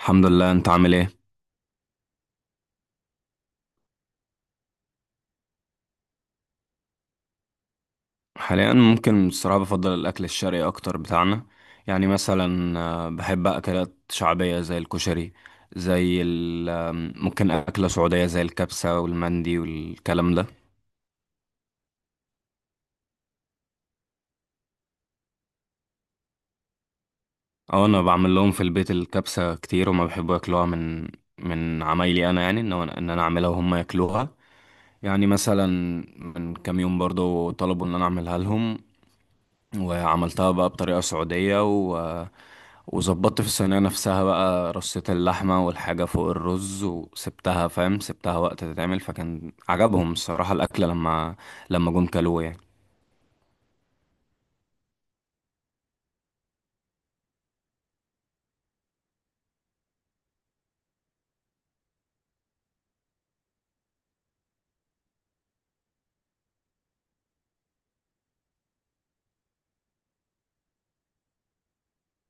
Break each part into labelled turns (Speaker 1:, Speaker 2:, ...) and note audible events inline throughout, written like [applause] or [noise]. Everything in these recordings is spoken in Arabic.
Speaker 1: الحمد لله، انت عامل ايه؟ حاليا ممكن الصراحه بفضل الاكل الشرقي اكتر بتاعنا. يعني مثلا، بحب اكلات شعبيه زي الكشري. زي ال آم، ممكن اكله سعوديه زي الكبسه والمندي والكلام ده. اه، انا بعمل لهم في البيت الكبسه كتير، وما بيحبوا ياكلوها من عمايلي انا. يعني ان انا اعملها وهم ياكلوها. يعني مثلا، من كام يوم برضو طلبوا ان انا اعملها لهم. وعملتها بقى بطريقة سعودية، وظبطت في الصينية نفسها بقى رصة اللحمة والحاجة فوق الرز، وسبتها فاهم سبتها وقت تتعمل، فكان عجبهم الصراحة الأكلة لما جم كلوه يعني.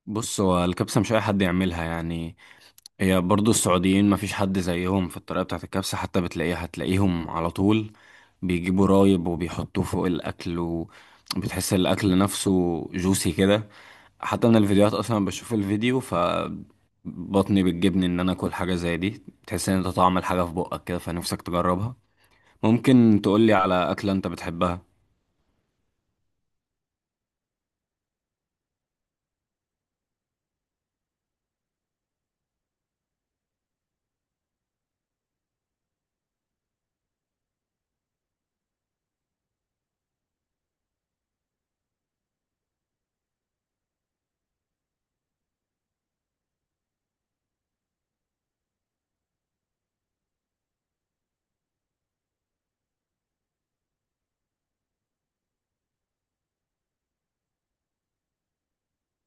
Speaker 1: بص، هو الكبسة مش أي حد يعملها يعني. هي برضو السعوديين مفيش حد زيهم في الطريقة بتاعت الكبسة، حتى بتلاقيها هتلاقيهم على طول بيجيبوا رايب وبيحطوه فوق الأكل، وبتحس الأكل نفسه جوسي كده. حتى من الفيديوهات أصلا، بشوف الفيديو فبطني بتجبني إن أنا أكل حاجة زي دي، تحس إن أنت طعم الحاجة في بقك كده فنفسك تجربها. ممكن تقولي على أكلة أنت بتحبها؟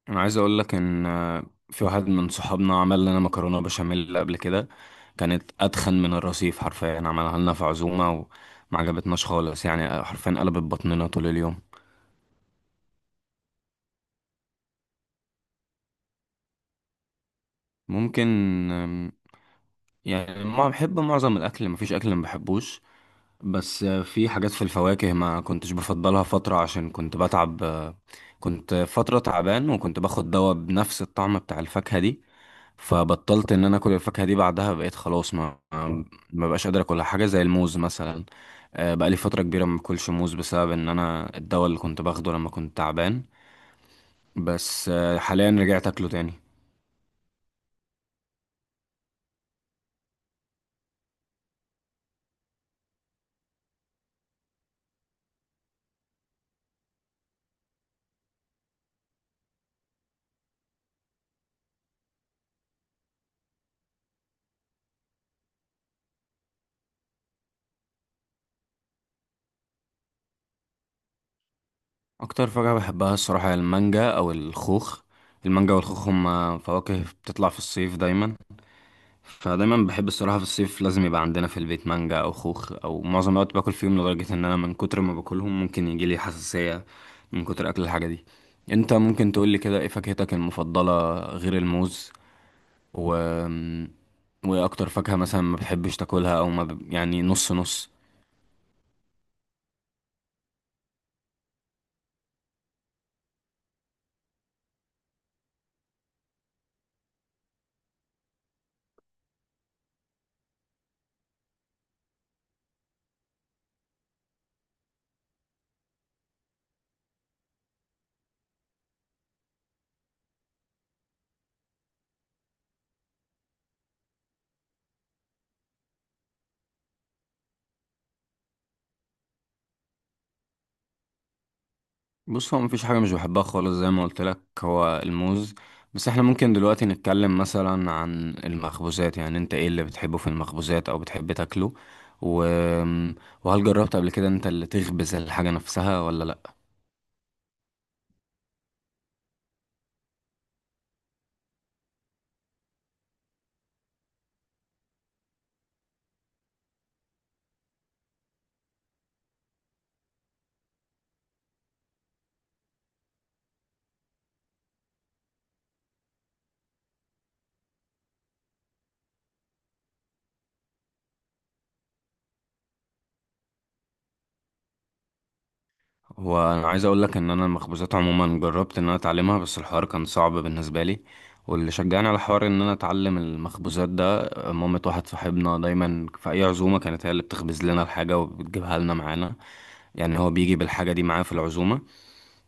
Speaker 1: انا عايز اقول لك ان في واحد من صحابنا عمل لنا مكرونه بشاميل قبل كده. كانت اتخن من الرصيف حرفيا، عملها لنا في عزومه، وما عجبتناش خالص يعني، حرفيا قلبت بطننا طول اليوم. ممكن. آم، يعني ما بحب معظم الاكل، مفيش اكل ما بحبوش. بس في حاجات في الفواكه ما كنتش بفضلها فتره، عشان كنت بتعب. كنت فتره تعبان وكنت باخد دواء بنفس الطعم بتاع الفاكهه دي، فبطلت ان انا اكل الفاكهه دي. بعدها بقيت خلاص ما بقاش قادر اكلها، حاجه زي الموز مثلا. بقى لي فتره كبيره ما باكلش موز، بسبب ان انا الدواء اللي كنت باخده لما كنت تعبان. بس حاليا رجعت اكله تاني. اكتر فاكهه بحبها الصراحه هي المانجا او الخوخ. المانجا والخوخ هما فواكه بتطلع في الصيف دايما، فدايما بحب الصراحة في الصيف لازم يبقى عندنا في البيت مانجا أو خوخ، أو معظم الوقت باكل فيهم لدرجة إن أنا من كتر ما باكلهم ممكن يجيلي حساسية من كتر أكل الحاجة دي. أنت ممكن تقولي كده، إيه فاكهتك المفضلة غير الموز؟ و وإيه أكتر فاكهة مثلا ما بتحبش تاكلها، أو ما ب... يعني نص نص؟ بص، هو مفيش حاجة مش بحبها خالص، زي ما قلت لك، هو الموز. بس احنا ممكن دلوقتي نتكلم مثلا عن المخبوزات. يعني انت ايه اللي بتحبه في المخبوزات او بتحب تاكله، و... وهل جربت قبل كده انت اللي تخبز الحاجة نفسها ولا لا؟ وانا عايز اقول لك ان انا المخبوزات عموما جربت ان انا اتعلمها، بس الحوار كان صعب بالنسبة لي. واللي شجعني على حوار ان انا اتعلم المخبوزات ده، مامة واحد صاحبنا، دايما في اي عزومة كانت هي اللي بتخبز لنا الحاجة وبتجيبها لنا معانا. يعني هو بيجي بالحاجة دي معاه في العزومة.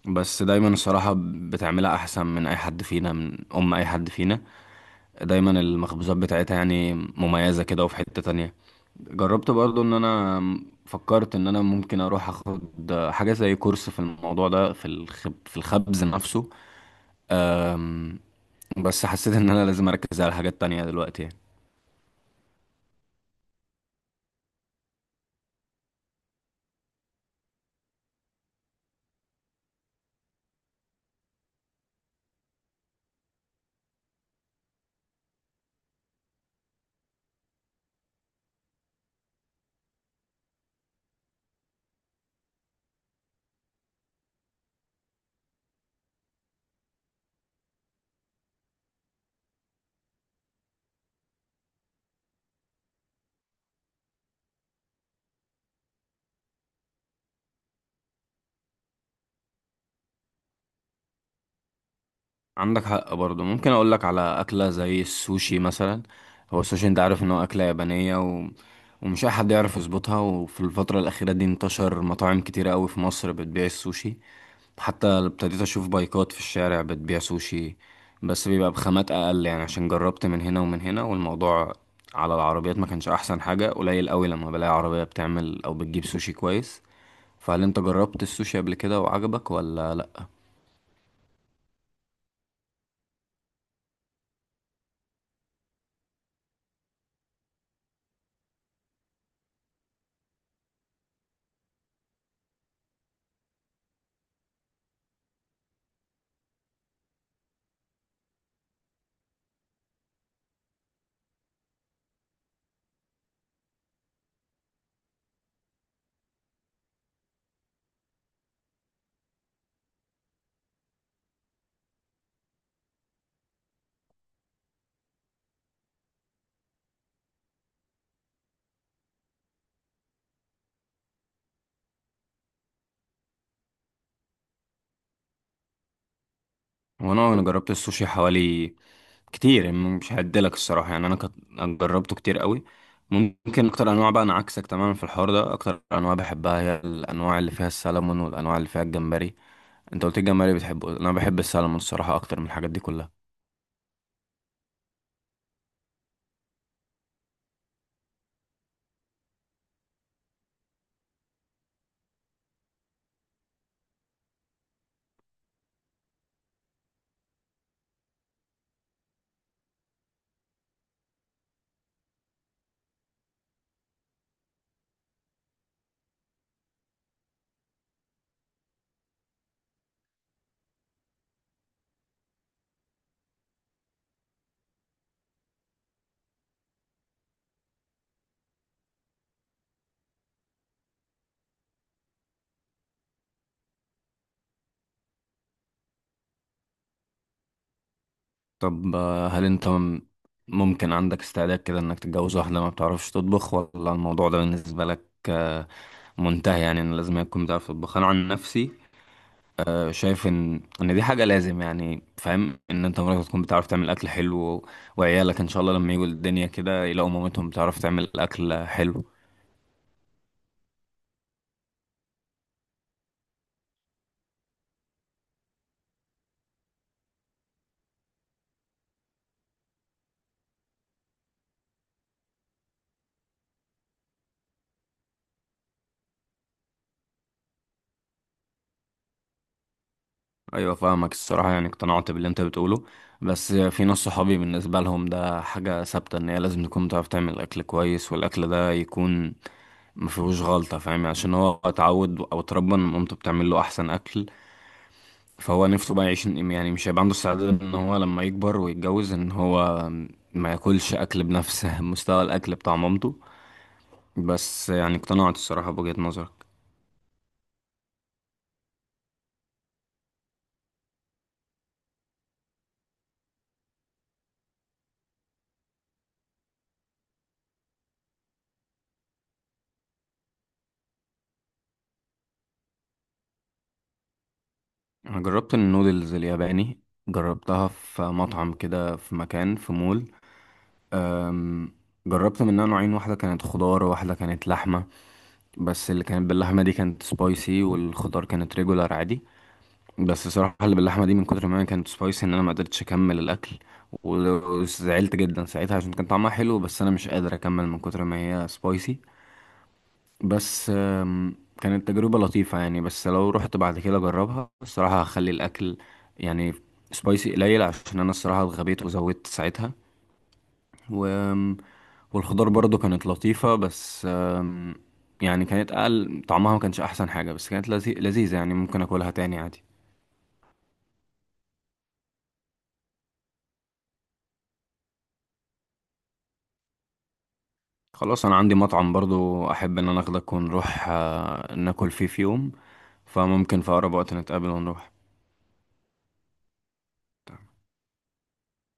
Speaker 1: بس دايما الصراحة بتعملها أحسن من أي حد فينا دايما المخبوزات بتاعتها يعني مميزة كده. وفي حتة تانية جربت برضو إن أنا فكرت إن أنا ممكن أروح أخد حاجة زي كورس في الموضوع ده، في الخبز نفسه. أم، بس حسيت إن أنا لازم أركز على حاجات تانية دلوقتي يعني. عندك حق برضه. ممكن اقول لك على اكله زي السوشي مثلا. هو السوشي، انت عارف ان هو اكله يابانيه، ومش اي حد يعرف يظبطها. وفي الفتره الاخيره دي انتشر مطاعم كتيره قوي في مصر بتبيع السوشي، حتى ابتديت اشوف بايكات في الشارع بتبيع سوشي. بس بيبقى بخامات اقل يعني، عشان جربت من هنا ومن هنا، والموضوع على العربيات ما كانش احسن حاجه. قليل قوي لما بلاقي عربيه بتعمل او بتجيب سوشي كويس. فهل انت جربت السوشي قبل كده وعجبك ولا لا؟ وانا جربت السوشي حوالي كتير يعني، مش هعدلك الصراحه يعني انا جربته كتير قوي. ممكن اكتر انواع بقى، انا عكسك تماما في الحوار ده. اكتر انواع بحبها هي الانواع اللي فيها السلمون، والانواع اللي فيها الجمبري. انت قلت الجمبري بتحبه، انا بحب السلمون الصراحه اكتر من الحاجات دي كلها. طب، هل انت ممكن عندك استعداد كده انك تتجوز واحده ما بتعرفش تطبخ، ولا الموضوع ده بالنسبه لك منتهي؟ يعني ان لازم يكون بتعرف تطبخ. انا عن نفسي، شايف ان دي حاجه لازم، يعني فاهم، ان انت مراتك تكون بتعرف تعمل اكل حلو وعيالك ان شاء الله لما يجوا الدنيا كده، يلاقوا مامتهم بتعرف تعمل اكل حلو. ايوه، فاهمك الصراحه يعني، اقتنعت باللي انت بتقوله. بس في ناس صحابي بالنسبه لهم ده حاجه ثابته، ان هي لازم تكون بتعرف تعمل اكل كويس، والاكل ده يكون ما فيهوش غلطه، فاهم، عشان هو اتعود او اتربى ان مامته بتعمل له احسن اكل. فهو نفسه بقى يعيش يعني، مش هيبقى عنده استعداد ان هو لما يكبر ويتجوز ان هو ما ياكلش اكل بنفس [laughs] مستوى الاكل بتاع مامته. بس يعني اقتنعت الصراحة بوجهة نظرك. انا جربت النودلز الياباني، جربتها في مطعم كده في مكان في مول. أم، جربت منها نوعين، واحدة كانت خضار وواحدة كانت لحمة. بس اللي كانت باللحمة دي كانت سبايسي، والخضار كانت ريجولار عادي. بس صراحة اللي باللحمة دي من كتر ما هي كانت سبايسي ان انا ما قدرتش اكمل الاكل، وزعلت جدا ساعتها عشان كان طعمها حلو، بس انا مش قادر اكمل من كتر ما هي سبايسي. بس كانت تجربة لطيفة يعني، بس لو رحت بعد كده اجربها الصراحة هخلي الاكل يعني سبايسي قليل، عشان انا الصراحة اتغبيت وزودت ساعتها. و... والخضار برضو كانت لطيفة، بس يعني كانت اقل طعمها، ما كانش احسن حاجة، بس كانت لذيذة يعني، ممكن اكلها تاني عادي. خلاص، انا عندي مطعم برضو احب ان انا اخدك ونروح ناكل فيه في يوم، فممكن في اقرب وقت نتقابل ونروح.